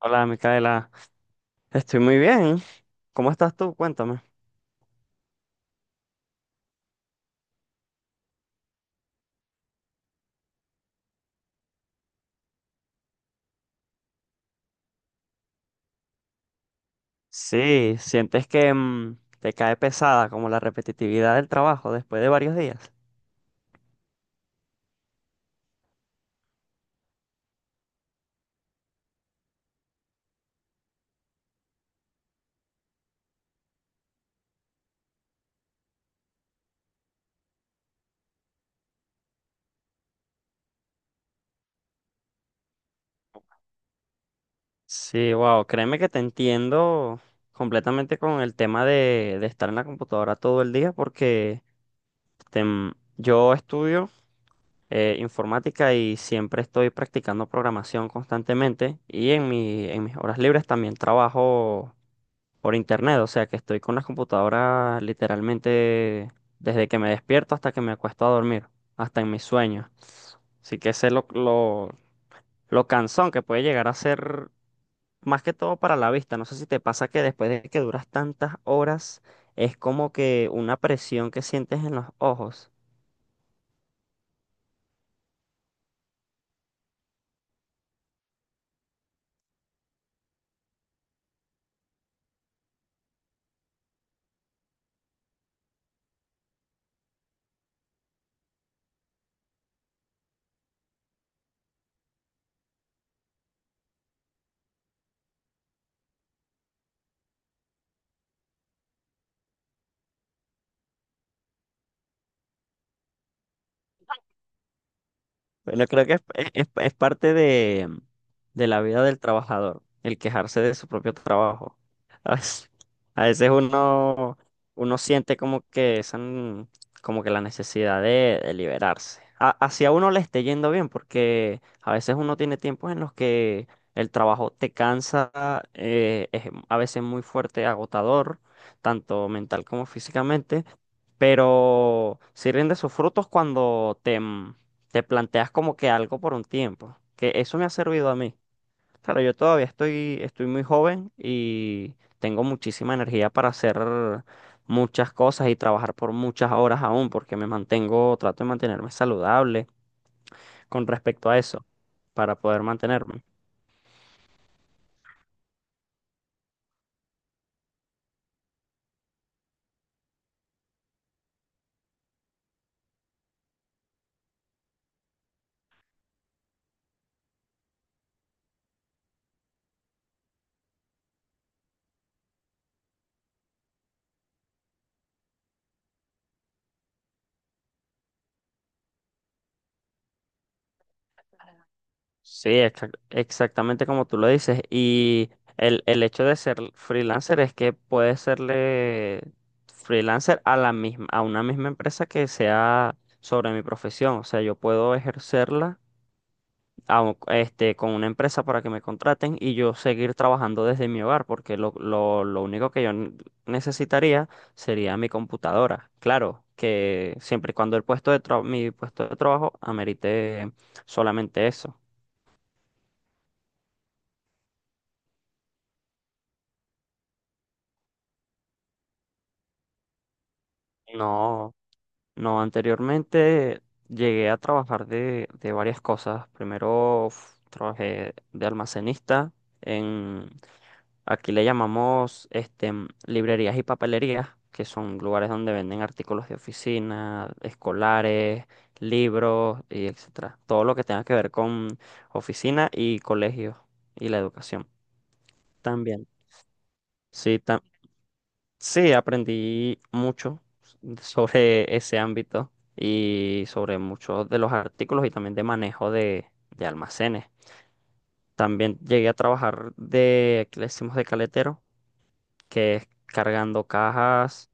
Hola, Micaela. Estoy muy bien. ¿Cómo estás tú? Cuéntame. Sí, ¿sientes que te cae pesada como la repetitividad del trabajo después de varios días? Sí, wow, créeme que te entiendo completamente con el tema de estar en la computadora todo el día porque yo estudio informática y siempre estoy practicando programación constantemente y en en mis horas libres también trabajo por internet, o sea que estoy con las computadoras literalmente desde que me despierto hasta que me acuesto a dormir, hasta en mis sueños. Así que sé lo cansón que puede llegar a ser, más que todo para la vista. No sé si te pasa que después de que duras tantas horas, es como que una presión que sientes en los ojos. Bueno, creo que es parte de la vida del trabajador, el quejarse de su propio trabajo. A veces uno siente como que esa, como que la necesidad de liberarse. Hacia uno le esté yendo bien, porque a veces uno tiene tiempos en los que el trabajo te cansa, es a veces muy fuerte, agotador, tanto mental como físicamente, pero sí rinde sus frutos cuando te planteas como que algo por un tiempo, que eso me ha servido a mí. Claro, yo todavía estoy muy joven y tengo muchísima energía para hacer muchas cosas y trabajar por muchas horas aún, porque me mantengo, trato de mantenerme saludable con respecto a eso, para poder mantenerme. Sí, exactamente como tú lo dices. Y el hecho de ser freelancer es que puedes serle freelancer a la misma, a una misma empresa que sea sobre mi profesión. O sea, yo puedo ejercerla con una empresa para que me contraten y yo seguir trabajando desde mi hogar, porque lo único que necesitaría sería mi computadora. Claro, que siempre y cuando el mi puesto de trabajo amerite solamente eso. No, no, anteriormente llegué a trabajar de varias cosas. Primero trabajé de almacenista. Aquí le llamamos librerías y papelerías, que son lugares donde venden artículos de oficina, escolares, libros y etcétera. Todo lo que tenga que ver con oficina y colegios y la educación. También. Sí, sí, aprendí mucho sobre ese ámbito y sobre muchos de los artículos y también de manejo de almacenes. También llegué a trabajar de, aquí le decimos de caletero, que es cargando cajas.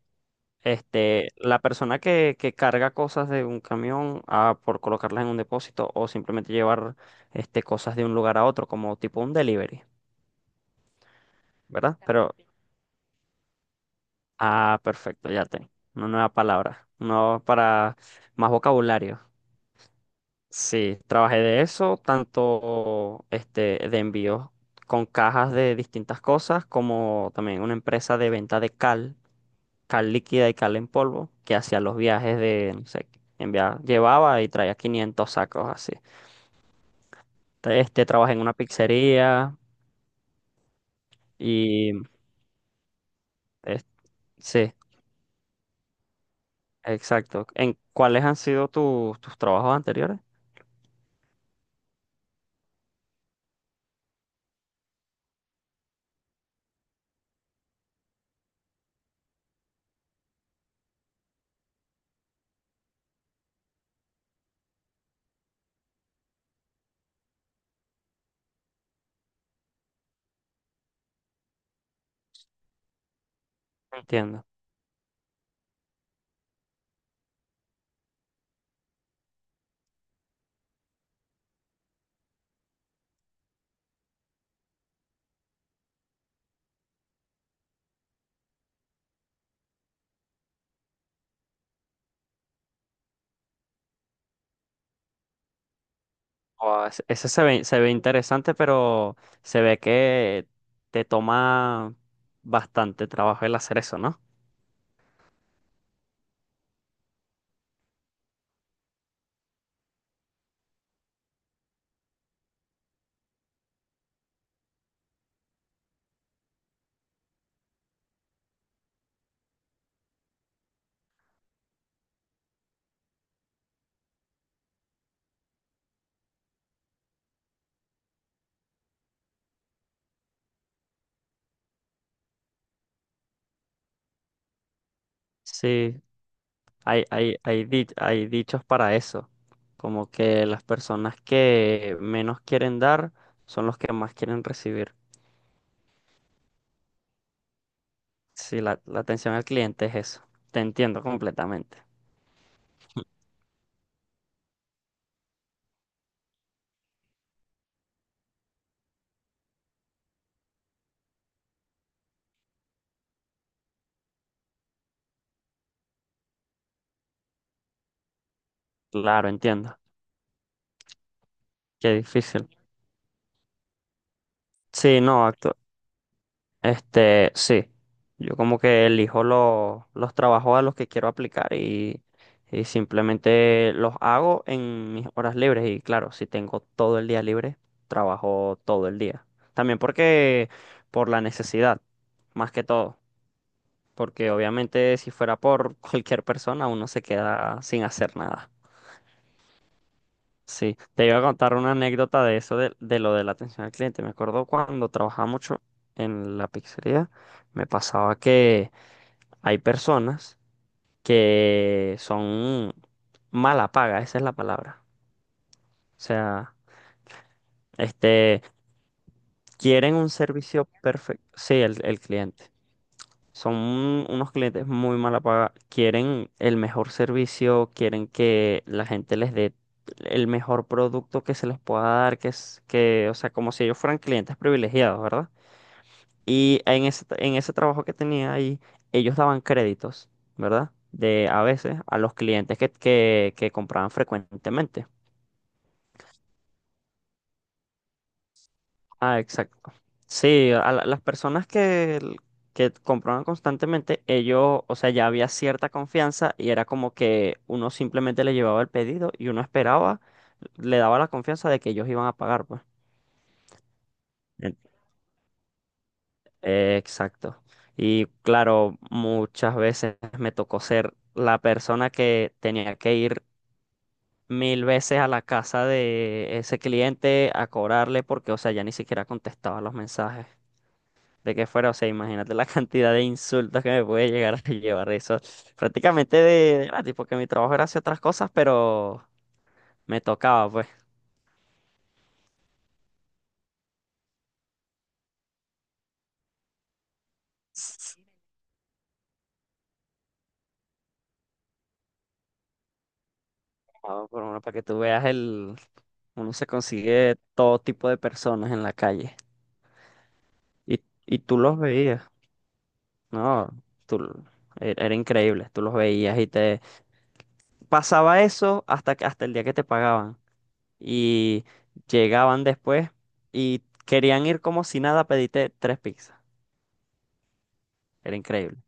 Este, la persona que carga cosas de un camión a, por colocarlas en un depósito o simplemente llevar este, cosas de un lugar a otro, como tipo un delivery, ¿verdad? Pero, exactamente. Ah, perfecto, ya tengo una nueva palabra, no para más vocabulario. Sí, trabajé de eso, tanto este, de envíos con cajas de distintas cosas, como también una empresa de venta de cal, cal líquida y cal en polvo, que hacía los viajes de, no sé, enviaba, llevaba y traía 500 sacos así. Este, trabajé en una pizzería y, es- sí, exacto. ¿En cuáles han sido tus trabajos anteriores? Entiendo. Wow, ese se se ve interesante, pero se ve que te toma bastante trabajo el hacer eso, ¿no? Sí, hay dichos para eso, como que las personas que menos quieren dar son los que más quieren recibir. Sí, la atención al cliente es eso. Te entiendo completamente. Claro, entiendo. Qué difícil. Sí, no, sí, yo como que elijo los trabajos a los que quiero aplicar y simplemente los hago en mis horas libres y claro, si tengo todo el día libre, trabajo todo el día. También porque por la necesidad, más que todo, porque obviamente si fuera por cualquier persona uno se queda sin hacer nada. Sí, te iba a contar una anécdota de eso, de lo de la atención al cliente. Me acuerdo cuando trabajaba mucho en la pizzería, me pasaba que... Hay personas que son mala paga, esa es la palabra. O sea, este, quieren un servicio perfecto. Sí, el cliente. Son unos clientes muy mala paga. Quieren el mejor servicio, quieren que la gente les dé el mejor producto que se les pueda dar, que es que, o sea, como si ellos fueran clientes privilegiados, ¿verdad? Y en en ese trabajo que tenía ahí, ellos daban créditos, ¿verdad? De a veces a los clientes que compraban frecuentemente. Ah, exacto. Sí, a las personas que compraban constantemente, ellos, o sea, ya había cierta confianza y era como que uno simplemente le llevaba el pedido y uno esperaba, le daba la confianza de que ellos iban a pagar, pues. Exacto. Y claro, muchas veces me tocó ser la persona que tenía que ir mil veces a la casa de ese cliente a cobrarle porque, o sea, ya ni siquiera contestaba los mensajes de que fuera. O sea, imagínate la cantidad de insultos que me puede llegar a llevar eso. Prácticamente de gratis, porque mi trabajo era hacer otras cosas, pero me tocaba, pues. Sí. Ah, por lo menos para que tú veas uno se consigue todo tipo de personas en la calle. Y, y tú los veías. No, tú, era increíble, tú los veías y te pasaba eso hasta, hasta el día que te pagaban y llegaban después y querían ir como si nada, pediste tres pizzas, era increíble,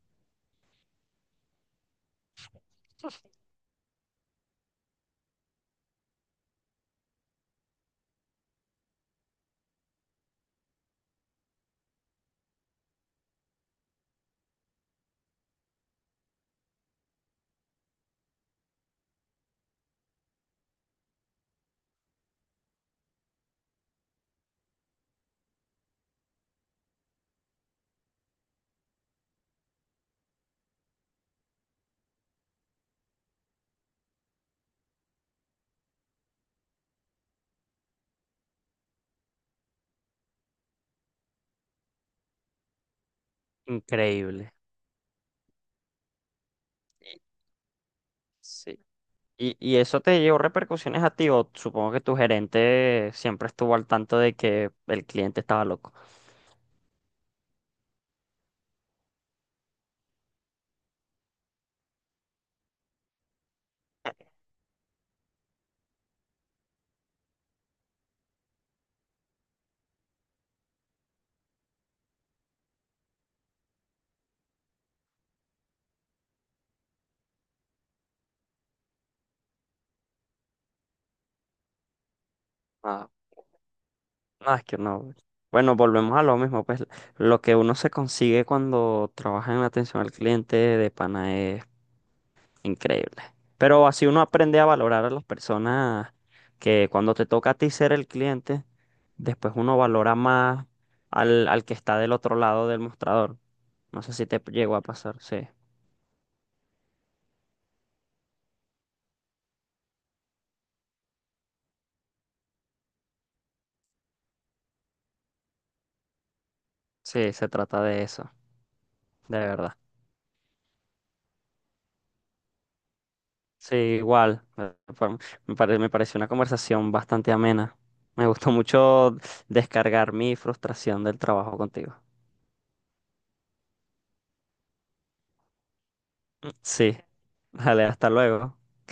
increíble. Y- Sí. Y eso te llevó repercusiones a ti o supongo que tu gerente siempre estuvo al tanto de que el cliente estaba loco. No, es que no. Bueno, volvemos a lo mismo, pues lo que uno se consigue cuando trabaja en atención al cliente de pana es increíble. Pero así uno aprende a valorar a las personas que cuando te toca a ti ser el cliente, después uno valora más al que está del otro lado del mostrador. No sé si te llegó a pasar, sí. Sí, se trata de eso, de verdad. Sí, igual. Me pareció una conversación bastante amena. Me gustó mucho descargar mi frustración del trabajo contigo. Sí. Dale, hasta luego.